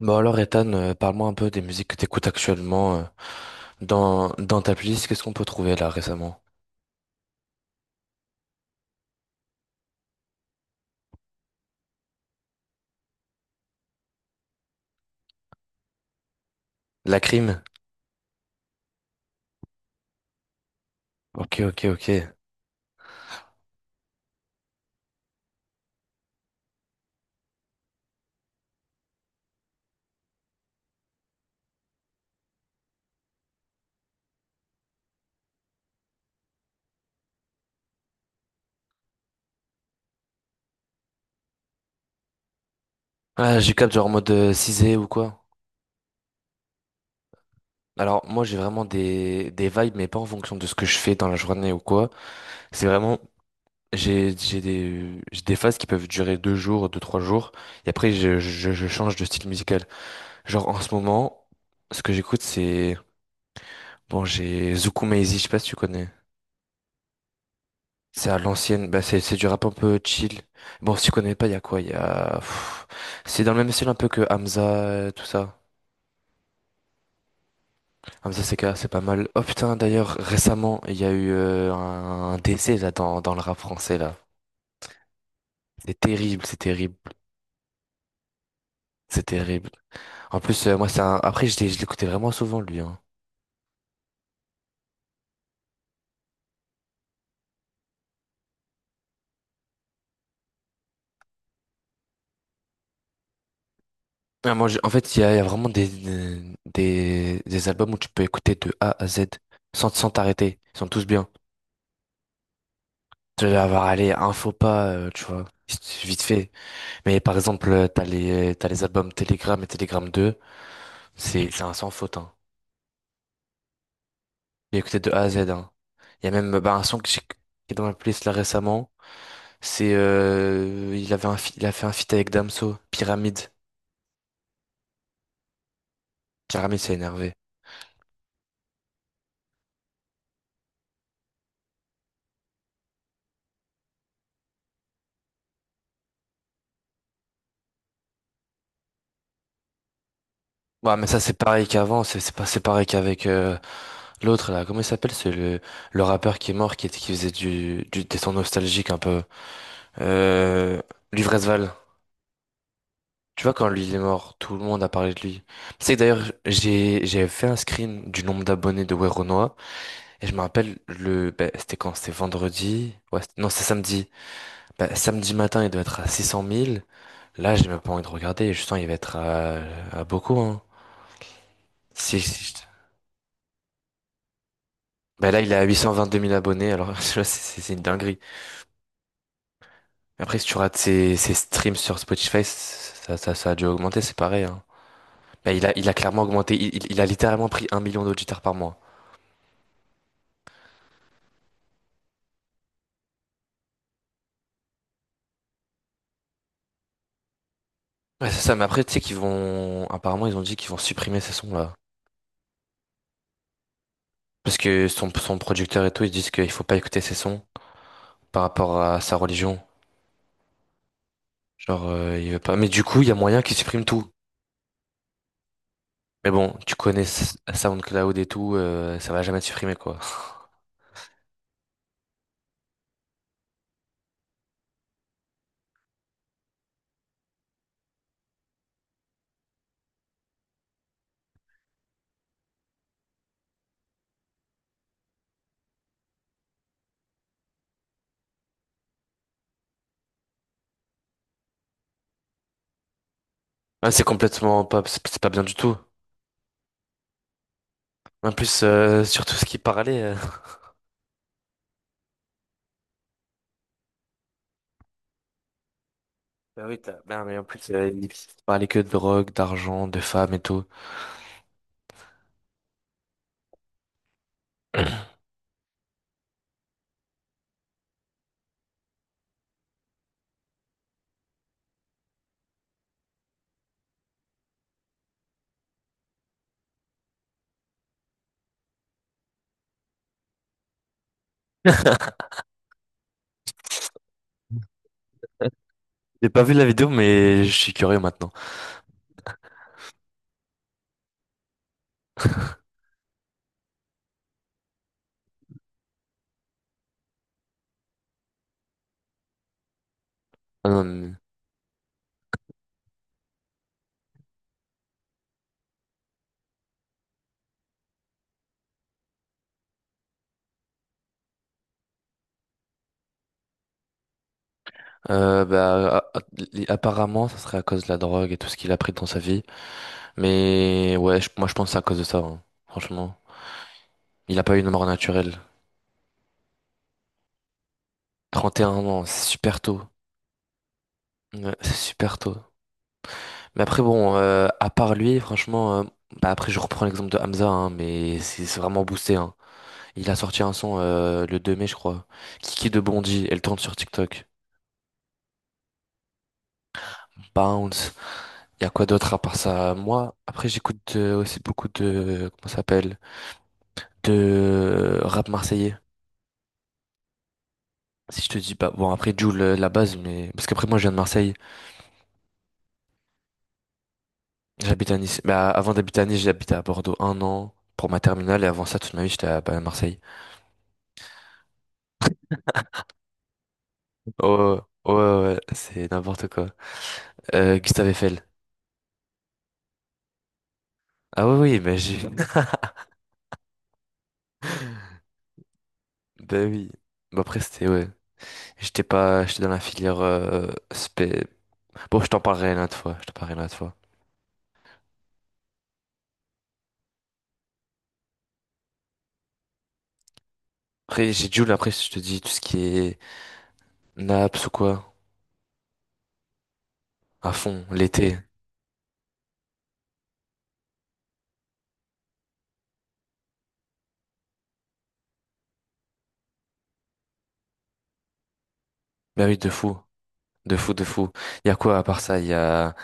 Bon alors Ethan, parle-moi un peu des musiques que t'écoutes actuellement, dans ta playlist. Qu'est-ce qu'on peut trouver là récemment? La crime? Ok, ok, ok. Ah je capte genre en mode cisé ou quoi? Alors moi j'ai vraiment des vibes mais pas en fonction de ce que je fais dans la journée ou quoi. C'est vraiment, j'ai des phases qui peuvent durer deux jours, deux trois jours, et après je change de style musical. Genre en ce moment, ce que j'écoute, c'est, bon, j'ai Zouk Maizy, je sais pas si tu connais. C'est à l'ancienne, bah c'est du rap un peu chill. Bon, si tu connais pas, il y a quoi? Il y a... pff, C'est dans le même style un peu que Hamza, tout ça. Hamza CK, c'est pas mal. Oh putain, d'ailleurs, récemment, il y a eu un décès là, dans le rap français là. C'est terrible, c'est terrible, c'est terrible. En plus, moi, après, je l'écoutais vraiment souvent lui. Hein. Ah, moi, en fait, il y a vraiment des albums où tu peux écouter de A à Z sans t'arrêter. Ils sont tous bien. Tu vas avoir, allez, un faux pas, tu vois, vite vite fait. Mais par exemple, t'as les albums Telegram et Telegram 2, c'est un sans faute, hein. J'ai écouté de A à Z, hein. Il y a même, bah, un son qui est dans ma playlist là récemment, c'est, il avait il a fait un feat avec Damso, Pyramide. Pyramide, c'est énervé. Ouais, mais ça c'est pareil qu'avant, c'est pas c'est pareil qu'avec l'autre là, comment il s'appelle? C'est le rappeur qui est mort, qui faisait du des sons nostalgiques un peu. Euh, Luvresval. Tu vois, quand lui il est mort, tout le monde a parlé de lui. C'est que d'ailleurs, j'ai fait un screen du nombre d'abonnés de Weronoa. Et je me rappelle, le ben, c'était quand? C'était vendredi? Ouais, non, c'est samedi. Ben, samedi matin, il devait être à 600 000. Là, j'ai même pas envie de regarder. Je sens qu'il va être à beaucoup. Hein. Si, si, ben là, il est à 2 000 abonnés. Alors, tu vois, c'est une dinguerie. Mais après, si tu rates ses streams sur Spotify, ça a dû augmenter. C'est pareil. Hein. Ben, il a clairement augmenté. Il a littéralement pris 1 million d'auditeurs par mois. Ouais, c'est ça, mais après, tu sais qu'ils vont. Apparemment, ils ont dit qu'ils vont supprimer ces sons-là. Parce que son producteur et tout, ils disent qu'il faut pas écouter ces sons par rapport à sa religion. Genre, il veut pas. Mais du coup, il y a moyen qu'ils suppriment tout. Mais bon, tu connais SoundCloud et tout, ça va jamais être supprimé, quoi. Ouais, c'est complètement pas. C'est pas bien du tout. En plus, sur tout ce qui parlait. Bah oui, bah, mais en plus, il parlait que de drogue, d'argent, de femmes et tout. J'ai pas vu la vidéo, mais je suis curieux maintenant. Ah non, bah, apparemment, ça serait à cause de la drogue et tout ce qu'il a pris dans sa vie. Mais ouais, moi je pense que c'est à cause de ça, hein. Franchement. Il a pas eu une mort naturelle. 31 ans, c'est super tôt. Ouais, c'est super tôt. Mais après, bon, à part lui, franchement, bah après, je reprends l'exemple de Hamza, hein, mais c'est vraiment boosté, hein. Il a sorti un son le 2 mai, je crois. Kiki de Bondy, elle tourne sur TikTok. Bounce. Il y a quoi d'autre à part ça? Moi, après, j'écoute, aussi beaucoup de. Comment ça s'appelle? De rap marseillais. Si je te dis, bah bon, après Jul, la base, mais parce qu'après moi je viens de Marseille, j'habite à Nice. Bah, avant d'habiter à Nice, j'habitais à Bordeaux un an pour ma terminale et avant ça toute ma vie j'étais à, bah, à Marseille. Oh ouais, ouais, ouais, c'est n'importe quoi. Gustave Eiffel. Ah oui, oui, mais j'ai. Bah oui. Bah après c'était ouais. J'étais pas, j'étais dans la filière bon, je t'en parlerai une autre fois. Je t'en parlerai une autre fois. Après j'ai Jul. Après je te dis tout ce qui est Naps ou quoi à fond l'été. Bah oui de fou. De fou, de fou. Il y a quoi à part ça? Il y a.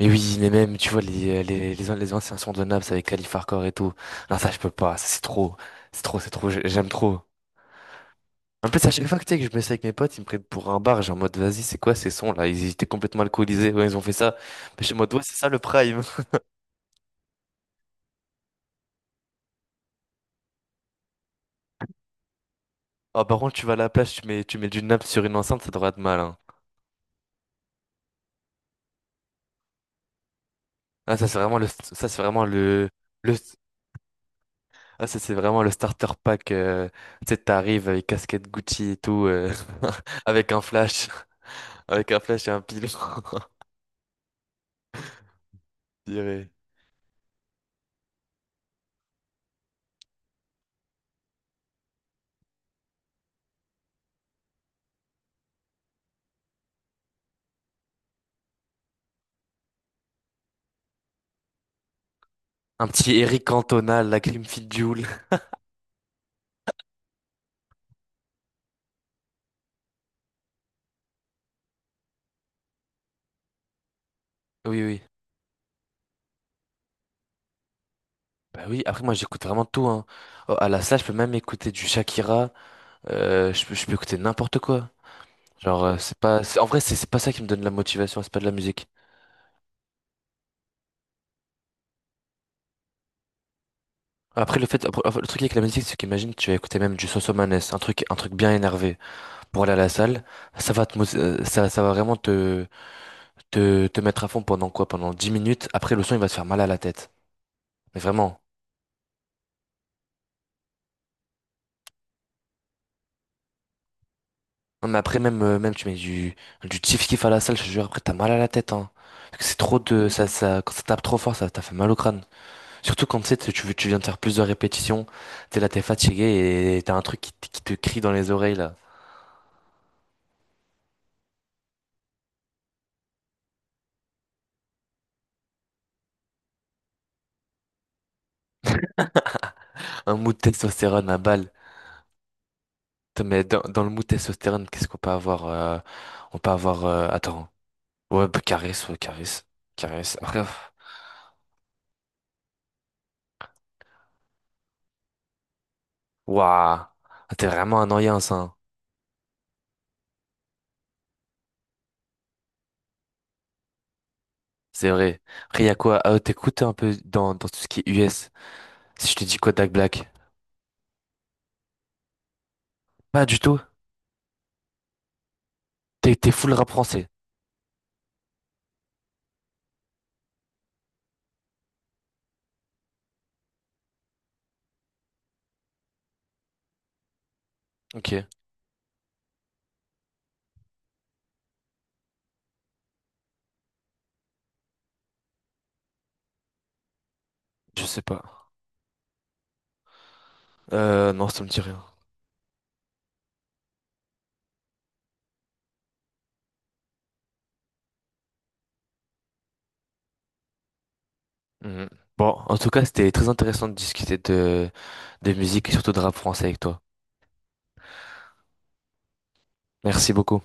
Mais oui, mais même, tu vois, les anciens sons de Naps avec Calif Hardcore et tout. Non, ça, je peux pas. Ça, c'est trop. C'est trop, c'est trop. J'aime trop. En plus, à chaque fois que, tu sais, que je me suis avec mes potes, ils me prennent pour un bar. J'ai en mode, vas-y, c'est quoi ces sons là? Ils étaient complètement alcoolisés. Ouais, ils ont fait ça. Mais je suis en mode, ouais, c'est ça le prime. Ah, par contre, tu vas à la plage, tu mets du Naps sur une enceinte, ça devrait être mal. Hein. C'est vraiment le, Ah, ça, c'est vraiment le starter pack. Tu sais, t'arrives avec casquette Gucci et tout, avec un flash, avec un flash et un pilon. Je dirais. Un petit Eric Cantona, la Clim Joule. Oui, oui. Bah oui, après, moi, j'écoute vraiment tout, hein. Oh, à la salle, je peux même écouter du Shakira. Je peux écouter n'importe quoi. Genre, c'est pas, en vrai, c'est pas ça qui me donne la motivation, c'est pas de la musique. Après, le fait, après, le truc avec la musique, c'est qu'imagine, tu vas écouter même du Sosomanes, un truc bien énervé. Pour aller à la salle, ça va vraiment te, mettre à fond pendant quoi? Pendant 10 minutes. Après, le son, il va te faire mal à la tête. Mais vraiment. Non, mais après, même, même tu mets du kiff kiff à la salle, je te jure, après, t'as mal à la tête, hein. Parce que c'est trop de, ça, quand ça tape trop fort, ça t'a fait mal au crâne. Surtout quand, tu sais, tu viens de faire plusieurs répétitions, t'es là, t'es fatigué et t'as un truc qui te crie dans les oreilles, là. Un mou de testostérone à balle. Putain, mais dans le mou de testostérone, qu'est-ce qu'on peut avoir, attends. Ouais, bah, Caresse, ouais, Caresse, Caresse. Après, waouh, t'es vraiment un annoyance, hein. C'est vrai. Après, y a quoi? T'écoutes un peu dans tout ce qui est US. Si je te dis Kodak Black. Pas du tout. T'es full rap français. Ok, je sais pas. Non, ça me dit rien. Mhm. Bon, en tout cas, c'était très intéressant de discuter de musique et surtout de rap français avec toi. Merci beaucoup.